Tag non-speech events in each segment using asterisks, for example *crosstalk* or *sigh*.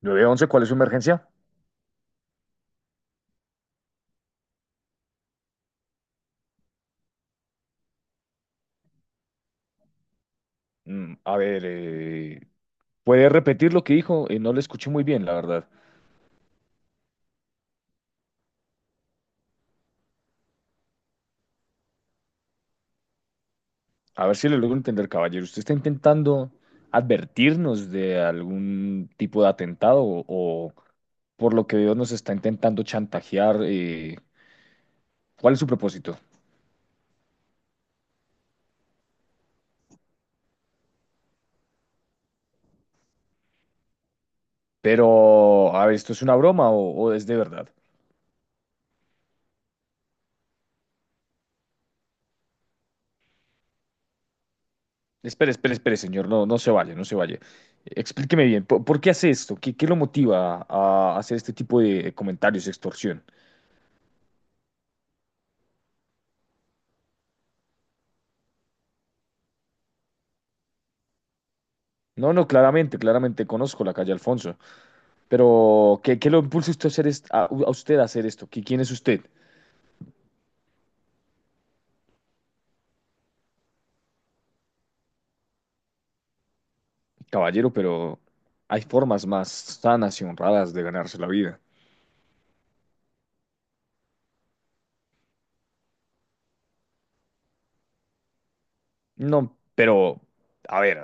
911, ¿cuál es su emergencia? Mm, a ver, eh, ¿Puede repetir lo que dijo? No le escuché muy bien, la verdad. A ver si le logro entender, caballero. ¿Usted está intentando advertirnos de algún tipo de atentado o por lo que veo nos está intentando chantajear? ¿Cuál es su propósito? Pero, a ver, ¿esto es una broma o es de verdad? Espere, espere, espere, señor. No, no se vaya, no se vaya. Explíqueme bien, por qué hace esto? Qué lo motiva a hacer este tipo de comentarios, extorsión? No, no, claramente, claramente conozco la calle Alfonso, pero qué lo impulsa usted a hacer a usted a hacer esto? ¿Quién es usted? Caballero, pero hay formas más sanas y honradas de ganarse la vida. No, pero, a ver,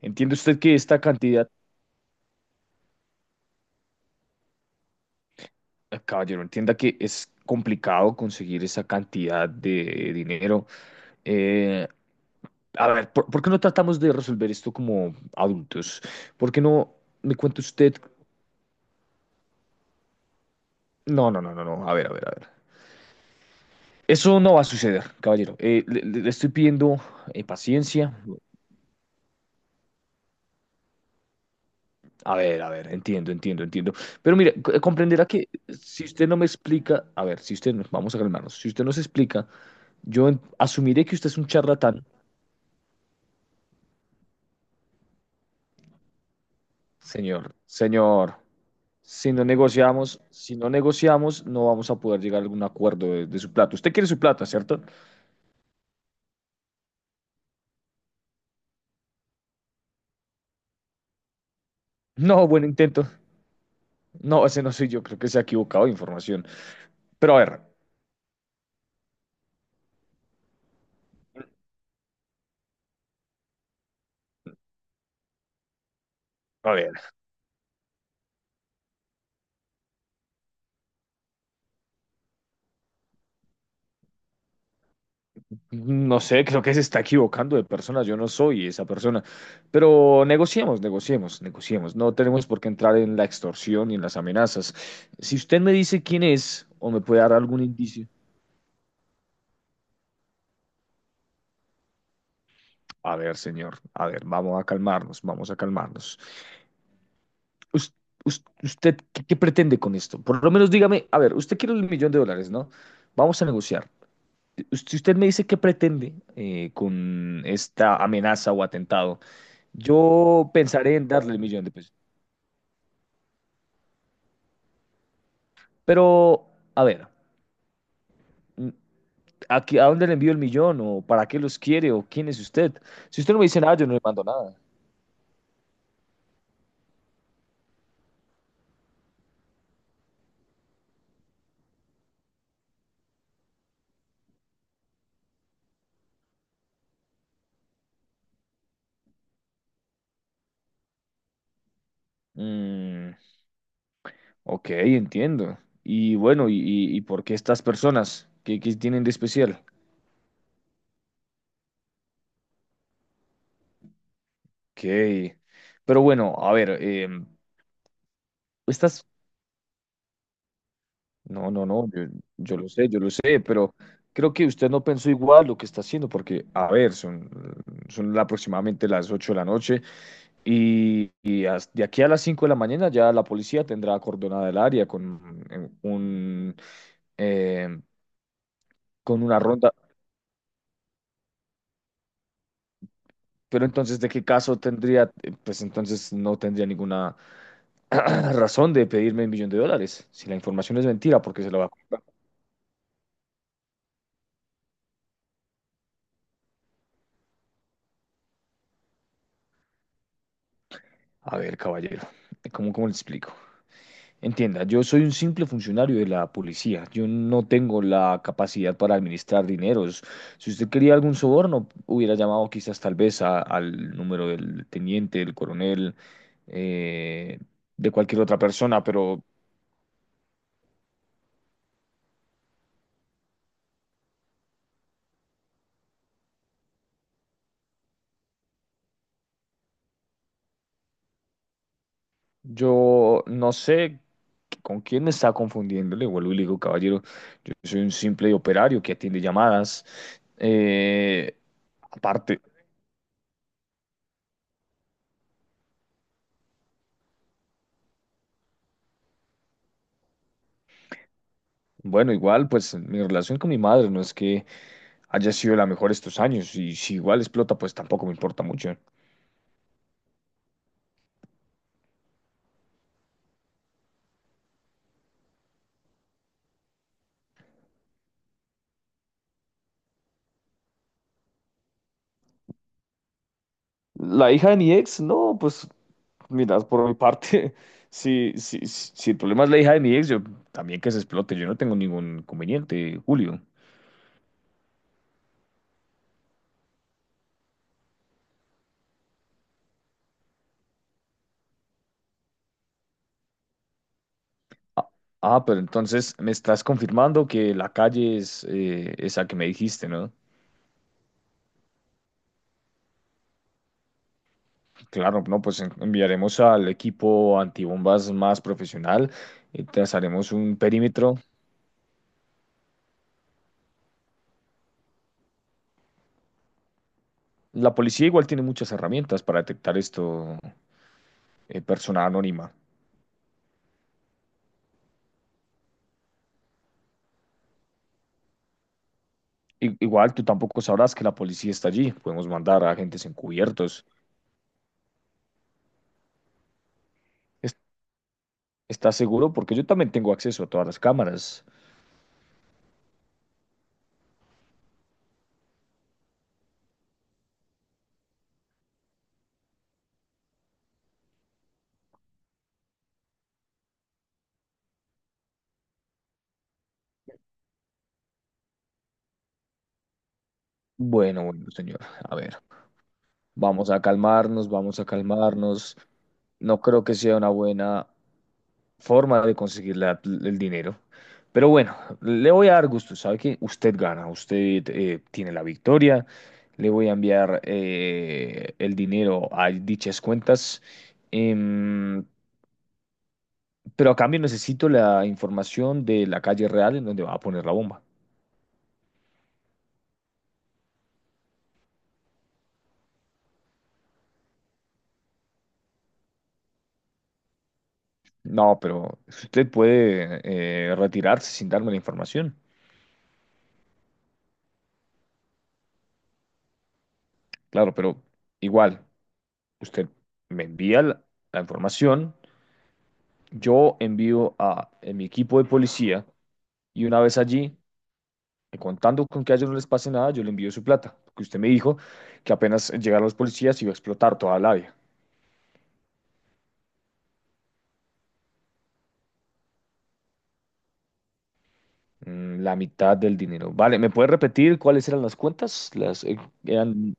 entiende usted que esta cantidad, caballero, entienda que es complicado conseguir esa cantidad de dinero. Eh, a ver, por qué no tratamos de resolver esto como adultos? ¿Por qué no me cuenta usted? No, no, no, no, no. A ver, a ver, a ver. Eso no va a suceder, caballero. Le estoy pidiendo paciencia. A ver, entiendo, entiendo, entiendo. Pero mire, comprenderá que si usted no me explica, a ver, si usted, nos vamos a calmarnos, si usted nos explica, asumiré que usted es un charlatán, señor, señor. Si no negociamos, si no negociamos, no vamos a poder llegar a algún acuerdo de su plata. Usted quiere su plata, ¿cierto? No, buen intento. No, ese no soy yo, creo que se ha equivocado de información. Pero a ver, a ver. No sé, creo que se está equivocando de persona. Yo no soy esa persona. Pero negociemos, negociemos, negociemos. No tenemos por qué entrar en la extorsión y en las amenazas. Si usted me dice quién es o me puede dar algún indicio. A ver, señor, a ver, vamos a calmarnos, vamos a calmarnos. Us- ¿Usted, qué pretende con esto? Por lo menos dígame, a ver, usted quiere el millón de dólares, ¿no? Vamos a negociar. Si usted me dice qué pretende con esta amenaza o atentado, yo pensaré en darle el millón de pesos. Pero, a ver, mm, a dónde le envío el millón? ¿O para qué los quiere? ¿O quién es usted? Si usted no me dice nada, yo no le mando nada. Mm, ok, entiendo. Y bueno, y por qué estas personas? Qué tienen de especial? Ok. Pero bueno, a ver, estas... No, no, no, yo lo sé, pero creo que usted no pensó igual lo que está haciendo, porque, a ver, son aproximadamente las 8 de la noche. Y, de aquí a las 5 de la mañana ya la policía tendrá acordonada el área con eh, con una ronda. Pero entonces, ¿de qué caso tendría? Pues entonces no tendría ninguna *clears throat* razón de pedirme el millón de dólares. Si la información es mentira, porque se la va a... A ver, caballero, cómo le explico? Entienda, yo soy un simple funcionario de la policía. Yo no tengo la capacidad para administrar dineros. Si usted quería algún soborno, hubiera llamado quizás tal vez al número del teniente, del coronel, eh, de cualquier otra persona, pero yo no sé con quién me está confundiendo. Le vuelvo y le digo, caballero, yo soy un simple operario que atiende llamadas. Eh, Aparte, bueno, igual, pues mi relación con mi madre no es que haya sido la mejor estos años y si igual explota, pues tampoco me importa mucho. La hija de mi ex, no, pues mira, por mi parte, *laughs* si, si, si el problema es la hija de mi ex, yo también que se explote, yo no tengo ningún conveniente, Julio. Ah, ah, pero entonces me estás confirmando que la calle es esa que me dijiste, ¿no? Claro, no, pues enviaremos al equipo antibombas más profesional, trazaremos un perímetro. La policía igual tiene muchas herramientas para detectar esto, persona anónima. Igual tú tampoco sabrás que la policía está allí. Podemos mandar a agentes encubiertos. Es- ¿Estás seguro? Porque yo también tengo acceso a todas las cámaras. Bueno, bueno, señor. A ver, vamos a calmarnos, vamos a calmarnos. No creo que sea una buena forma de conseguir el dinero. Pero bueno, le voy a dar gusto, sabe que usted gana, usted tiene la victoria, le voy a enviar el dinero a dichas cuentas, em, pero a cambio necesito la información de la calle real en donde va a poner la bomba. No, pero usted puede retirarse sin darme la información. Claro, pero igual, usted me envía la la información, yo envío a mi equipo de policía. Y una vez allí, contando con que a ellos no les pase nada, yo le envío su plata, porque usted me dijo que apenas llegaron los policías iba a explotar toda la vía. La mitad del dinero. Vale, ¿me puede repetir cuáles eran las cuentas? Las eran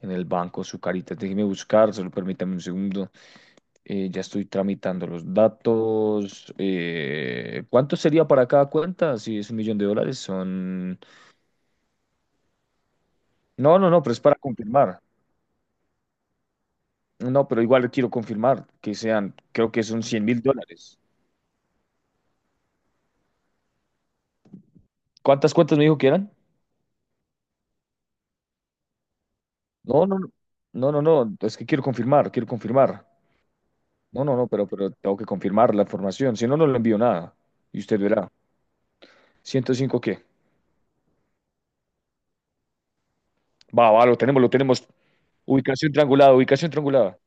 en el banco, su carita. Déjeme buscar, solo permítame un segundo. Ya estoy tramitando los datos. ¿Cuánto sería para cada cuenta? Si es un millón de dólares, son... No, no, no, pero es para confirmar. No, pero igual quiero confirmar que sean, creo que son 100.000 dólares. ¿Cuántas cuentas me dijo que eran? No, no, no, no, no, no, es que quiero confirmar, quiero confirmar. No, no, no, pero tengo que confirmar la información, si no, no le envío nada. Y usted verá. ¿105 qué? Va, va, lo tenemos, lo tenemos. Ubicación triangulada, ubicación triangulada.